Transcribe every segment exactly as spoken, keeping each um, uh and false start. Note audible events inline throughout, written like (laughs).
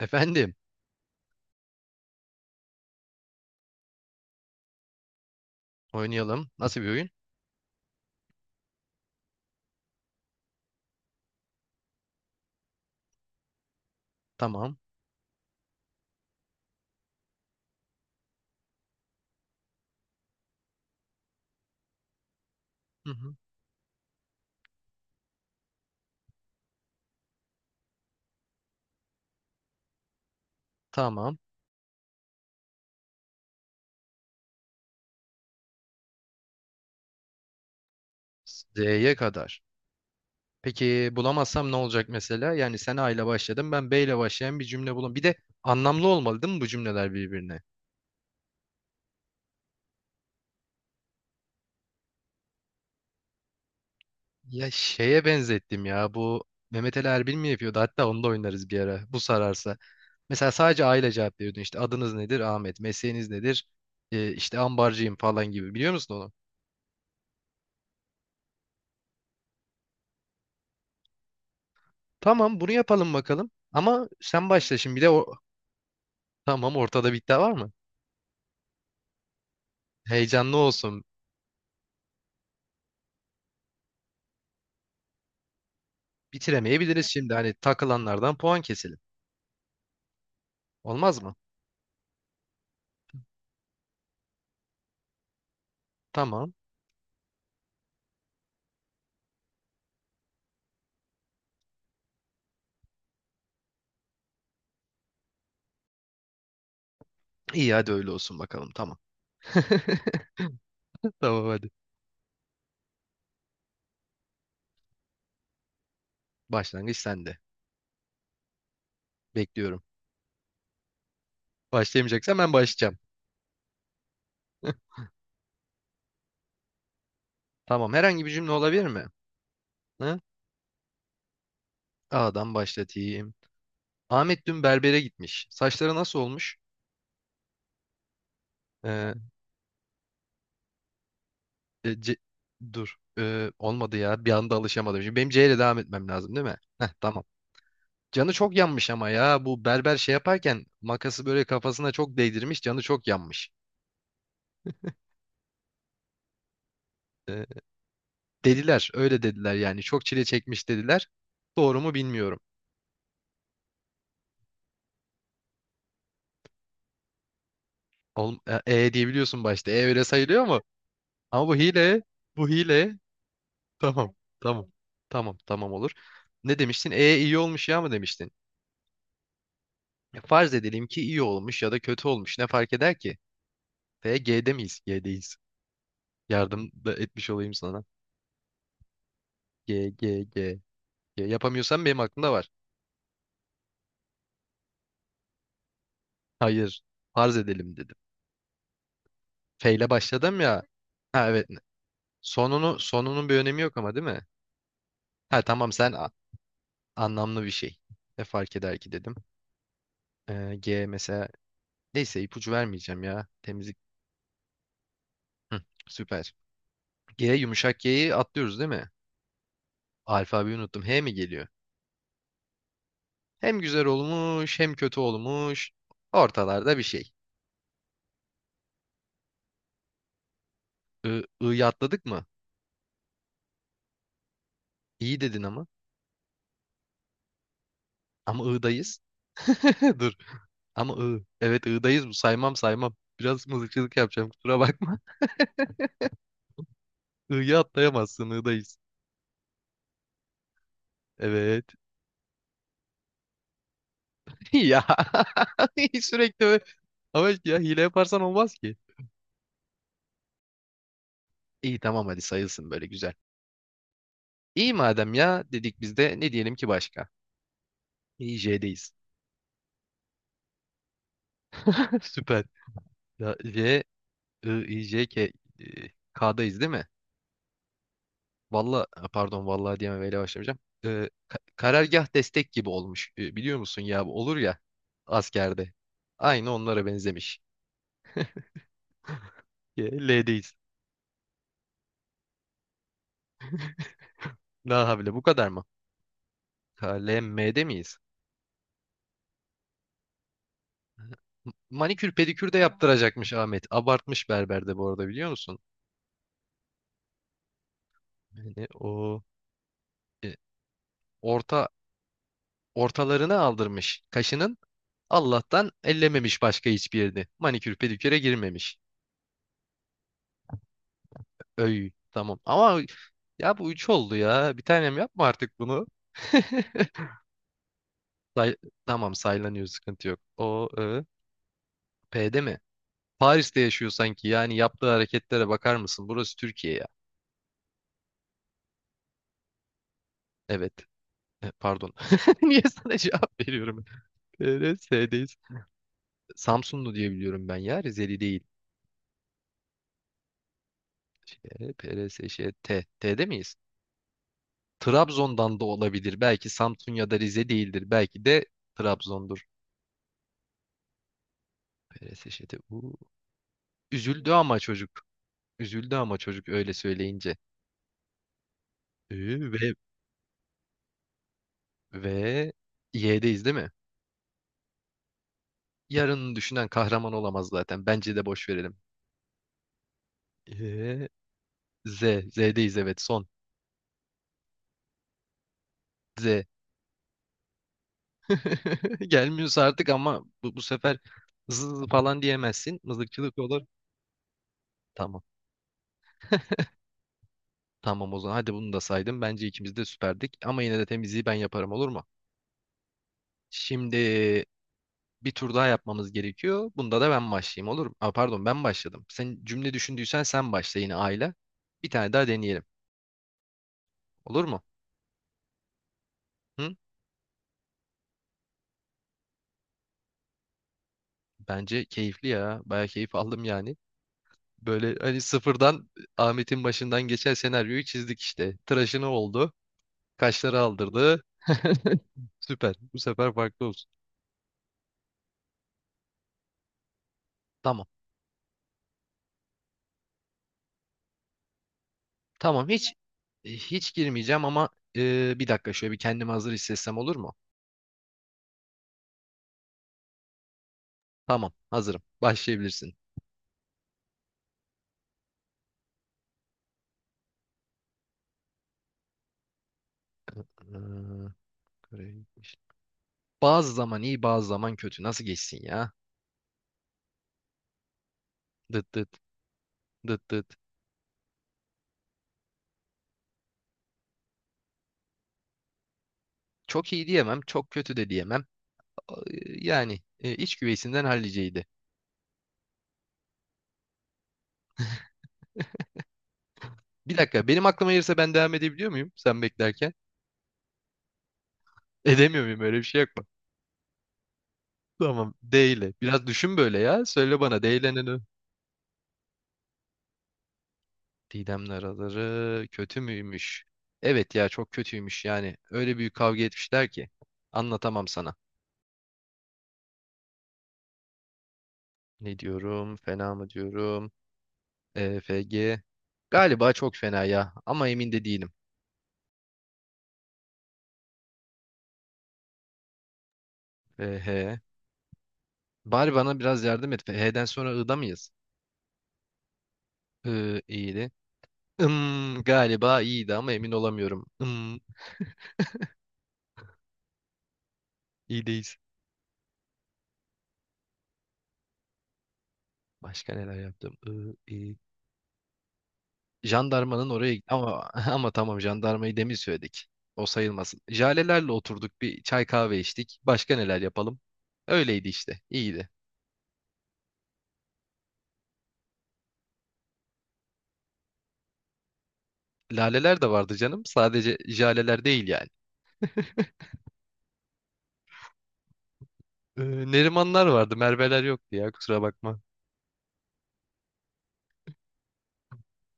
Efendim, oynayalım. Nasıl bir oyun? Tamam. Hı hı. Tamam. D'ye kadar. Peki bulamazsam ne olacak mesela? Yani sen A ile başladın, ben B ile başlayan bir cümle bulam. Bir de anlamlı olmalı değil mi bu cümleler birbirine? Ya şeye benzettim ya bu Mehmet Ali Erbil mi yapıyordu? Hatta onu da oynarız bir ara. Bu sararsa. Mesela sadece A ile cevap veriyordun. İşte adınız nedir? Ahmet. Mesleğiniz nedir? Ee, işte ambarcıyım falan gibi. Biliyor musun onu? Tamam bunu yapalım bakalım. Ama sen başla şimdi. Bir de o... Tamam, ortada bir iddia var mı? Heyecanlı olsun. Bitiremeyebiliriz şimdi. Hani takılanlardan puan keselim. Olmaz mı? Tamam. İyi, hadi öyle olsun bakalım. Tamam. (laughs) Tamam hadi. Başlangıç sende. Bekliyorum. Başlayamayacaksan ben başlayacağım. (laughs) Tamam. Herhangi bir cümle olabilir mi? Hı? A'dan başlatayım. Ahmet dün berbere gitmiş. Saçları nasıl olmuş? Ee, e, C- Dur. Ee, olmadı ya. Bir anda alışamadım. Şimdi benim C ile devam etmem lazım değil mi? Heh, tamam. Canı çok yanmış ama ya bu berber şey yaparken makası böyle kafasına çok değdirmiş, canı çok yanmış. Ee, Dediler, öyle dediler yani, çok çile çekmiş dediler. Doğru mu bilmiyorum. Oğlum, e, e diyebiliyorsun başta, e öyle sayılıyor mu? Ama bu hile, bu hile, tamam tamam, tamam tamam olur. Ne demiştin, e iyi olmuş ya mı demiştin? E, farz edelim ki iyi olmuş ya da kötü olmuş, ne fark eder ki? T G'de miyiz? G'deyiz. Yardım da etmiş olayım sana. G G G. G. Yapamıyorsan benim aklımda var. Hayır, farz edelim dedim. F ile başladım ya. Ha evet. Sonunu, sonunun bir önemi yok ama değil mi? Ha tamam, sen a- anlamlı bir şey. Ne fark eder ki dedim. Ee, G mesela, neyse ipucu vermeyeceğim ya. Temizlik. Hı, süper. G, yumuşak G'yi atlıyoruz değil mi? Alfabeyi unuttum. H mi geliyor? Hem güzel olmuş, hem kötü olmuş. Ortalarda bir şey. I, I'yı atladık mı? İyi dedin ama. Ama I'dayız. (laughs) Dur. Ama I. Evet, I'dayız bu. Saymam saymam. Biraz mızıkçılık yapacağım, kusura bakma. (laughs) I'yı atlayamazsın, I'dayız. Evet. (laughs) Ya, (laughs) sürekli böyle. Ama işte ya, hile yaparsan olmaz ki. İyi tamam, hadi sayılsın böyle güzel. İyi madem ya dedik, biz de ne diyelim ki başka? İyi, J'deyiz. (laughs) Süper. Ya J, I, I, J, K, e, K'dayız değil mi? Valla, pardon, vallahi diyemem, öyle başlamayacağım. Ee, ka- karargah destek gibi olmuş. Ee, biliyor musun ya, bu olur ya askerde. Aynı onlara benzemiş. Ee, L'deyiz. La havle bu kadar mı? K L M'de miyiz? M- Manikür pedikür de yaptıracakmış Ahmet. Abartmış berber de bu arada, biliyor musun? Yani o e, orta ortalarını aldırmış kaşının. Allah'tan ellememiş başka hiçbir yerini. Manikür pediküre girmemiş. Öy. Tamam. Ama ya bu üç oldu ya. Bir tanem, yapma artık bunu. (laughs) Say- tamam, saylanıyor, sıkıntı yok. O, Ö, P'de mi? Paris'te yaşıyor sanki. Yani yaptığı hareketlere bakar mısın? Burası Türkiye ya. Evet. E, pardon. (laughs) Niye sana cevap veriyorum? P R S'deyiz. Samsunlu diye biliyorum ben ya. Rizeli değil. Şey, P R S, şey, T. T'de miyiz? Trabzon'dan da olabilir. Belki Samsun ya da Rize değildir. Belki de Trabzon'dur. P R S, şey, T. Uu. Üzüldü ama çocuk. Üzüldü ama çocuk, öyle söyleyince. Ee, ve ve Y'deyiz değil mi? Yarını düşünen kahraman olamaz zaten. Bence de boş verelim. Ee, Z. Z'deyiz, evet son. Z. (laughs) Gelmiyorsa artık ama bu, bu sefer zız falan diyemezsin. Mızıkçılık olur. Tamam. Tamam o zaman. Hadi bunu da saydım. Bence ikimiz de süperdik. Ama yine de temizliği ben yaparım, olur mu? Şimdi bir tur daha yapmamız gerekiyor. Bunda da ben başlayayım, olur mu? Aa, pardon, ben başladım. Sen cümle düşündüysen sen başla yine aile. Bir tane daha deneyelim. Olur mu? Hı? Bence keyifli ya. Baya keyif aldım yani. Böyle hani sıfırdan Ahmet'in başından geçen senaryoyu çizdik işte. Tıraşını oldu. Kaşları aldırdı. (laughs) Süper. Bu sefer farklı olsun. Tamam. Tamam, hiç e, hiç girmeyeceğim ama e, bir dakika, şöyle bir kendimi hazır hissetsem olur mu? Tamam, hazırım. Başlayabilirsin. Ee, Bazı zaman iyi, bazı zaman kötü. Nasıl geçsin ya? Dıt dıt, dıt dıt. Çok iyi diyemem. Çok kötü de diyemem. Ee, Yani e, iç güveysinden halliceydi. Bir dakika, benim aklıma gelirse ben devam edebiliyor muyum sen beklerken? (laughs) Edemiyor muyum, öyle bir şey yok mu? Tamam, D ile. Biraz düşün böyle ya. Söyle bana D ile, ne? Ne? Didem'le araları kötü müymüş? Evet ya, çok kötüymüş yani. Öyle büyük kavga etmişler ki, anlatamam sana. Ne diyorum? Fena mı diyorum? E F G. Galiba çok fena ya, ama emin de değilim. F H. Bari bana biraz yardım et. F, H'den sonra I'da mıyız? I, iyiydi. Im, galiba iyiydi ama emin olamıyorum. Im, iyideyiz. Başka neler yaptım? I, iyi. Jandarmanın oraya git- ama (laughs) ama tamam, jandarmayı demin söyledik. O sayılmasın. Jalelerle oturduk, bir çay kahve içtik. Başka neler yapalım? Öyleydi işte. İyiydi. Laleler de vardı canım. Sadece jaleler değil yani. Ee, Nerimanlar vardı. Merveler yoktu ya, kusura bakma.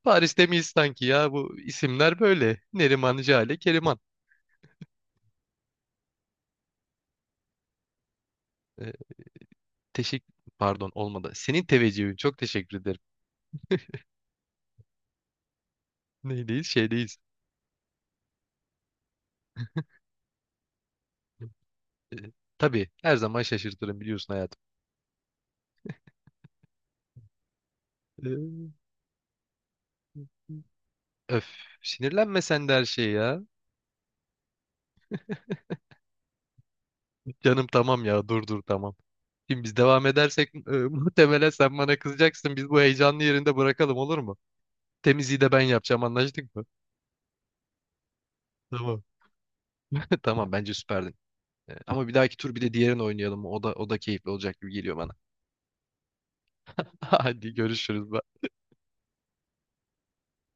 Paris'te miyiz sanki ya? Bu isimler böyle. Neriman, Jale, Keriman. Ee, teşekkür... Pardon, olmadı. Senin teveccühün. Çok teşekkür ederim. (laughs) Neydeyiz? Şeydeyiz. Ee, tabii, her zaman şaşırtırım biliyorsun hayatım. Ee, Öf. Sinirlenme sen de her şeye ya. Canım tamam ya, dur dur, tamam. Şimdi biz devam edersek e, (laughs) muhtemelen sen bana kızacaksın. Biz bu heyecanlı yerinde bırakalım olur mu? Temizliği de ben yapacağım, anlaştık mı? Tamam. (laughs) Tamam, bence süperdin. Ee, Ama bir dahaki tur bir de diğerini oynayalım. O da o da keyifli olacak gibi geliyor bana. (laughs) Hadi görüşürüz. Bye.